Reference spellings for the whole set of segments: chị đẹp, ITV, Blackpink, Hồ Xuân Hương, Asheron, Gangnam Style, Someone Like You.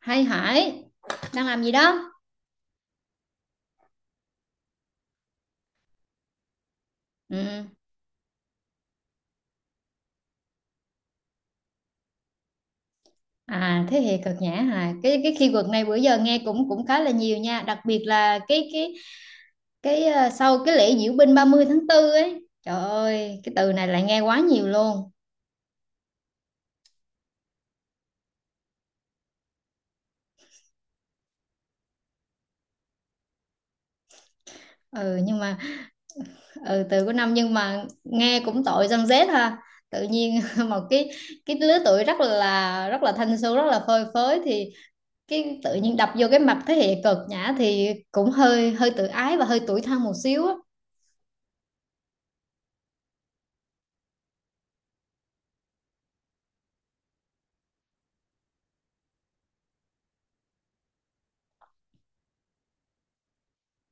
Hay Hải, đang làm gì đó? Ừ. À, thế hệ cực nhã hà, cái khi keyword này bữa giờ nghe cũng cũng khá là nhiều nha, đặc biệt là sau cái lễ diễu binh 30/4 ấy. Trời ơi, cái từ này lại nghe quá nhiều luôn. Ừ, nhưng mà ừ, từ của năm, nhưng mà nghe cũng tội dân Z ha. Tự nhiên một cái lứa tuổi rất là thanh xuân, rất là phơi phới, thì cái tự nhiên đập vô cái mặt thế hệ cực nhã thì cũng hơi hơi tự ái và hơi tủi thân một xíu á.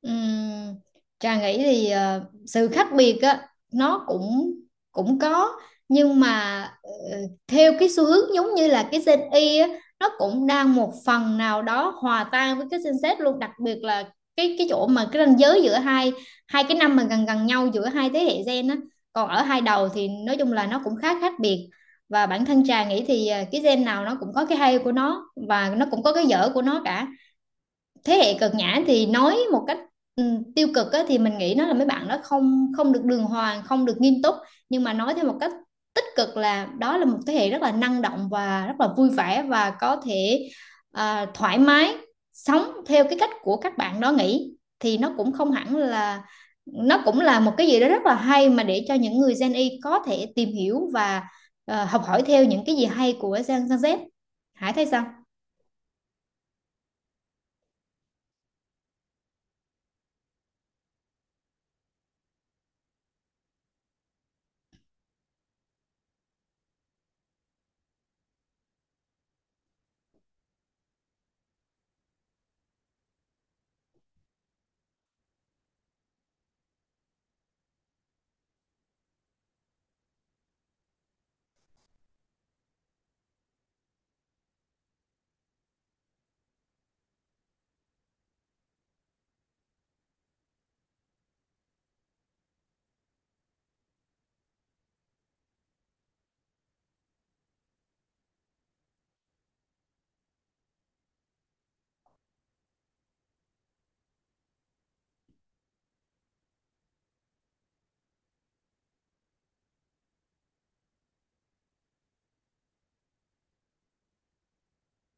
Ừm, Trà nghĩ thì sự khác biệt á nó cũng cũng có, nhưng mà theo cái xu hướng giống như là cái Gen Y á, nó cũng đang một phần nào đó hòa tan với cái Gen Z luôn, đặc biệt là cái chỗ mà cái ranh giới giữa hai hai cái năm mà gần gần nhau giữa hai thế hệ gen á, còn ở hai đầu thì nói chung là nó cũng khá khác biệt. Và bản thân Trà nghĩ thì cái gen nào nó cũng có cái hay của nó và nó cũng có cái dở của nó cả. Thế hệ cực nhã thì nói một cách ừ, tiêu cực á, thì mình nghĩ nó là mấy bạn đó không không được đường hoàng, không được nghiêm túc. Nhưng mà nói theo một cách tích cực là đó là một thế hệ rất là năng động và rất là vui vẻ, và có thể à, thoải mái sống theo cái cách của các bạn đó nghĩ, thì nó cũng không hẳn là, nó cũng là một cái gì đó rất là hay mà để cho những người Gen Y có thể tìm hiểu và học hỏi theo những cái gì hay của Gen Gen Z. Hải thấy sao?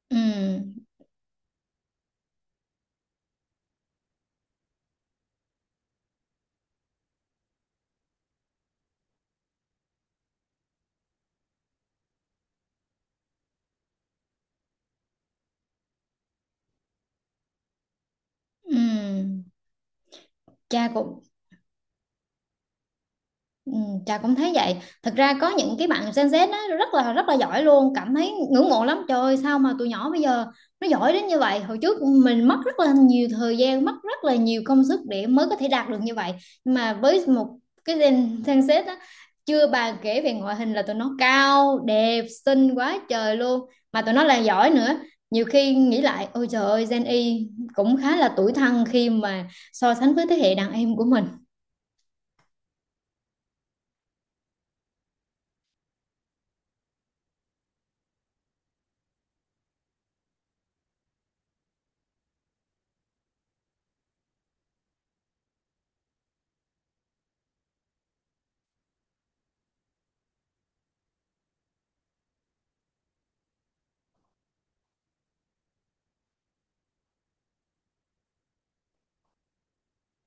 Ừ, ừ, cha cũng ừ, Trà cũng thấy vậy. Thật ra có những cái bạn Gen Z nó rất là giỏi luôn, cảm thấy ngưỡng mộ lắm. Trời ơi, sao mà tụi nhỏ bây giờ nó giỏi đến như vậy? Hồi trước mình mất rất là nhiều thời gian, mất rất là nhiều công sức để mới có thể đạt được như vậy. Nhưng mà với một cái Gen Z á, chưa bàn kể về ngoại hình là tụi nó cao, đẹp, xinh quá trời luôn. Mà tụi nó là giỏi nữa. Nhiều khi nghĩ lại, ôi trời ơi, Gen Y cũng khá là tuổi thân khi mà so sánh với thế hệ đàn em của mình.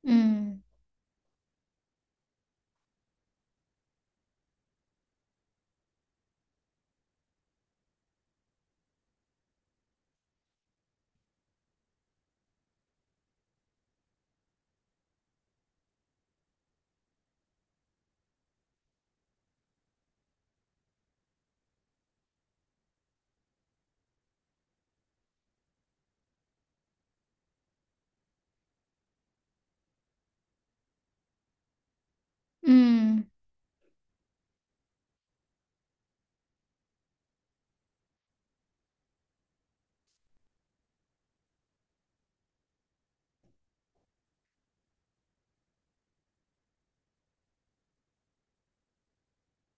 Ừ. Ừ.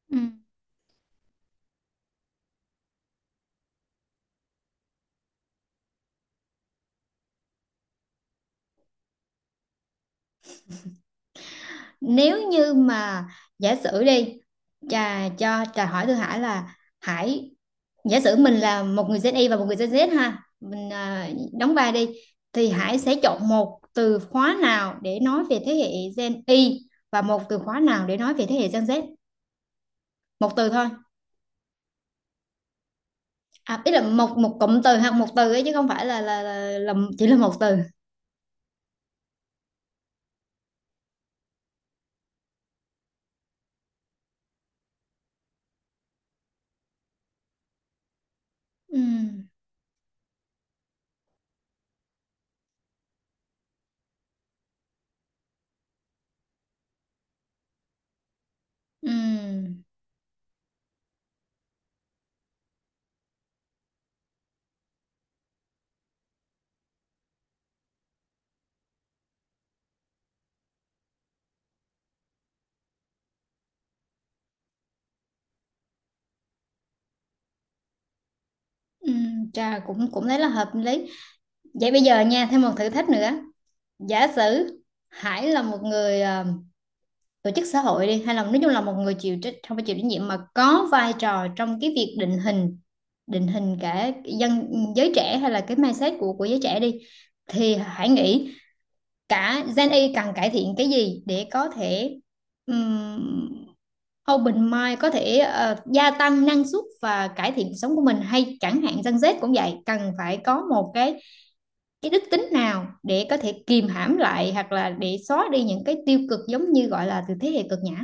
Ừ. Nếu như mà giả sử đi, trà cho trà hỏi Thư Hải là Hải giả sử mình là một người Gen Y và một người Gen Z ha, mình à, đóng vai đi, thì Hải sẽ chọn một từ khóa nào để nói về thế hệ Gen Y và một từ khóa nào để nói về thế hệ Gen Z, một từ thôi. À, ý là một một cụm từ hoặc một từ ấy, chứ không phải là chỉ là một từ. Ừ, ừ, ừ, trà cũng cũng thấy là hợp lý. Vậy bây giờ nha, thêm một thử thách nữa, giả sử Hải là một người tổ chức xã hội đi, hay là nói chung là một người chịu trách, không phải chịu trách nhiệm mà có vai trò trong cái việc định hình, định hình cả dân, giới trẻ hay là cái mindset của giới trẻ đi, thì Hải nghĩ cả Gen Y cần cải thiện cái gì để có thể ừm, open mind, có thể gia tăng năng suất và cải thiện cuộc sống của mình, hay chẳng hạn Gen Z cũng vậy, cần phải có một cái đức tính nào để có thể kìm hãm lại hoặc là để xóa đi những cái tiêu cực giống như gọi là từ thế hệ cực nhã.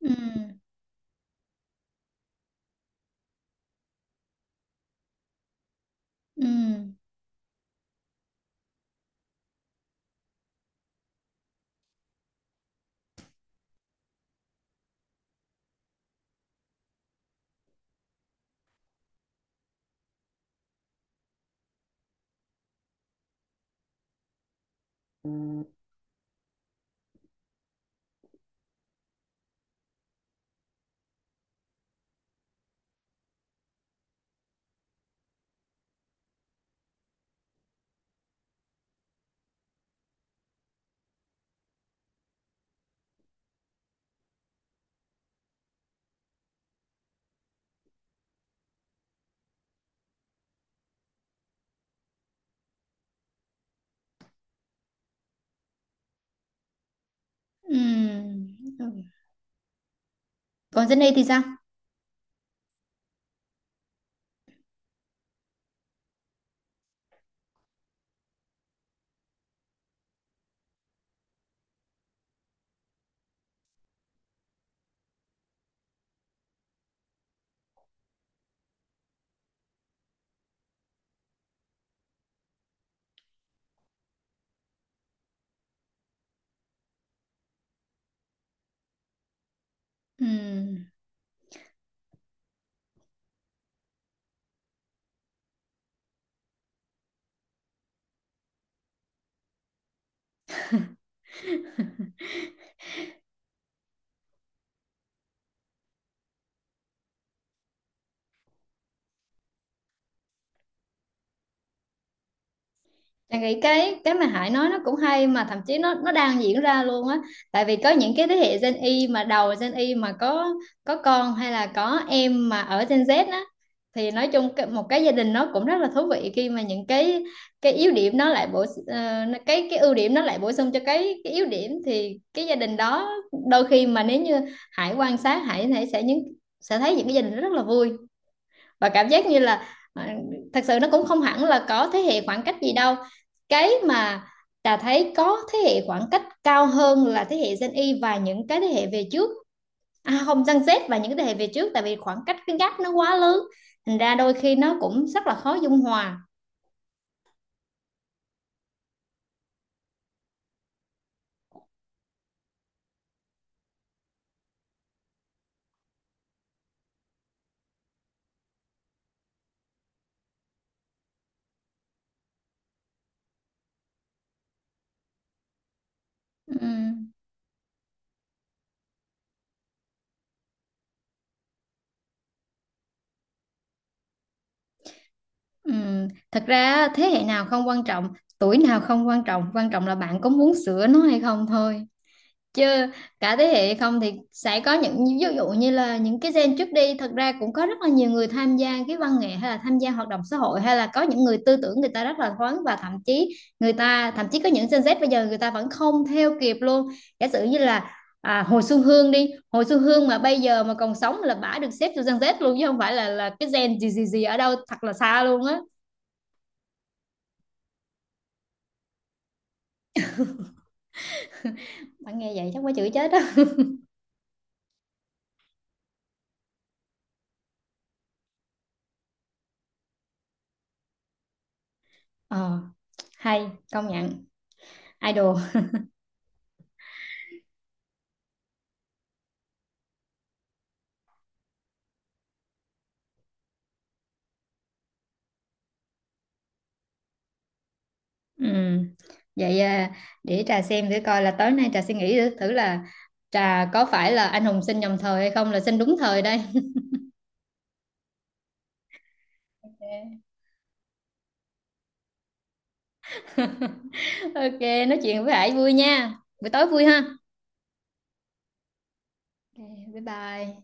Ừ, ừ, ừ, còn Jenny thì sao? Ừ. Chị nghĩ cái mà Hải nói nó cũng hay, mà thậm chí nó đang diễn ra luôn á, tại vì có những cái thế hệ Gen Y mà đầu Gen Y mà có con hay là có em mà ở Gen Z á, thì nói chung một cái gia đình nó cũng rất là thú vị khi mà những cái yếu điểm nó lại cái ưu điểm nó lại bổ sung cho cái yếu điểm, thì cái gia đình đó, đôi khi mà nếu như Hải quan sát, Hải Hải sẽ những, sẽ thấy những cái gia đình rất là vui và cảm giác như là à, thật sự nó cũng không hẳn là có thế hệ khoảng cách gì đâu. Cái mà Trà thấy có thế hệ khoảng cách cao hơn là thế hệ Gen Y và những cái thế hệ về trước, à không, Gen Z và những cái thế hệ về trước, tại vì khoảng cách cái gap nó quá lớn, thành ra đôi khi nó cũng rất là khó dung hòa. Ừm. Thật ra thế hệ nào không quan trọng, tuổi nào không quan trọng, quan trọng là bạn có muốn sửa nó hay không thôi, chứ cả thế hệ không thì sẽ có những ví dụ như là những cái gen trước đi, thật ra cũng có rất là nhiều người tham gia cái văn nghệ hay là tham gia hoạt động xã hội, hay là có những người tư tưởng người ta rất là thoáng, và thậm chí người ta thậm chí có những Gen Z bây giờ người ta vẫn không theo kịp luôn. Giả sử như là à, Hồ Xuân Hương đi, Hồ Xuân Hương mà bây giờ mà còn sống là bả được xếp vô Gen Z luôn, chứ không phải là cái gen gì gì gì ở đâu thật là xa luôn á. Bạn nghe vậy chắc quá chữ chết á. Ờ, hay, công nhận idol. Ừ. Vậy à, để trà xem thử coi là tối nay trà suy nghĩ thử là trà có phải là anh hùng sinh nhầm thời hay không, là sinh đúng thời đây. Ok. Ok, nói chuyện với Hải vui nha. Buổi tối vui ha. Ok, bye bye.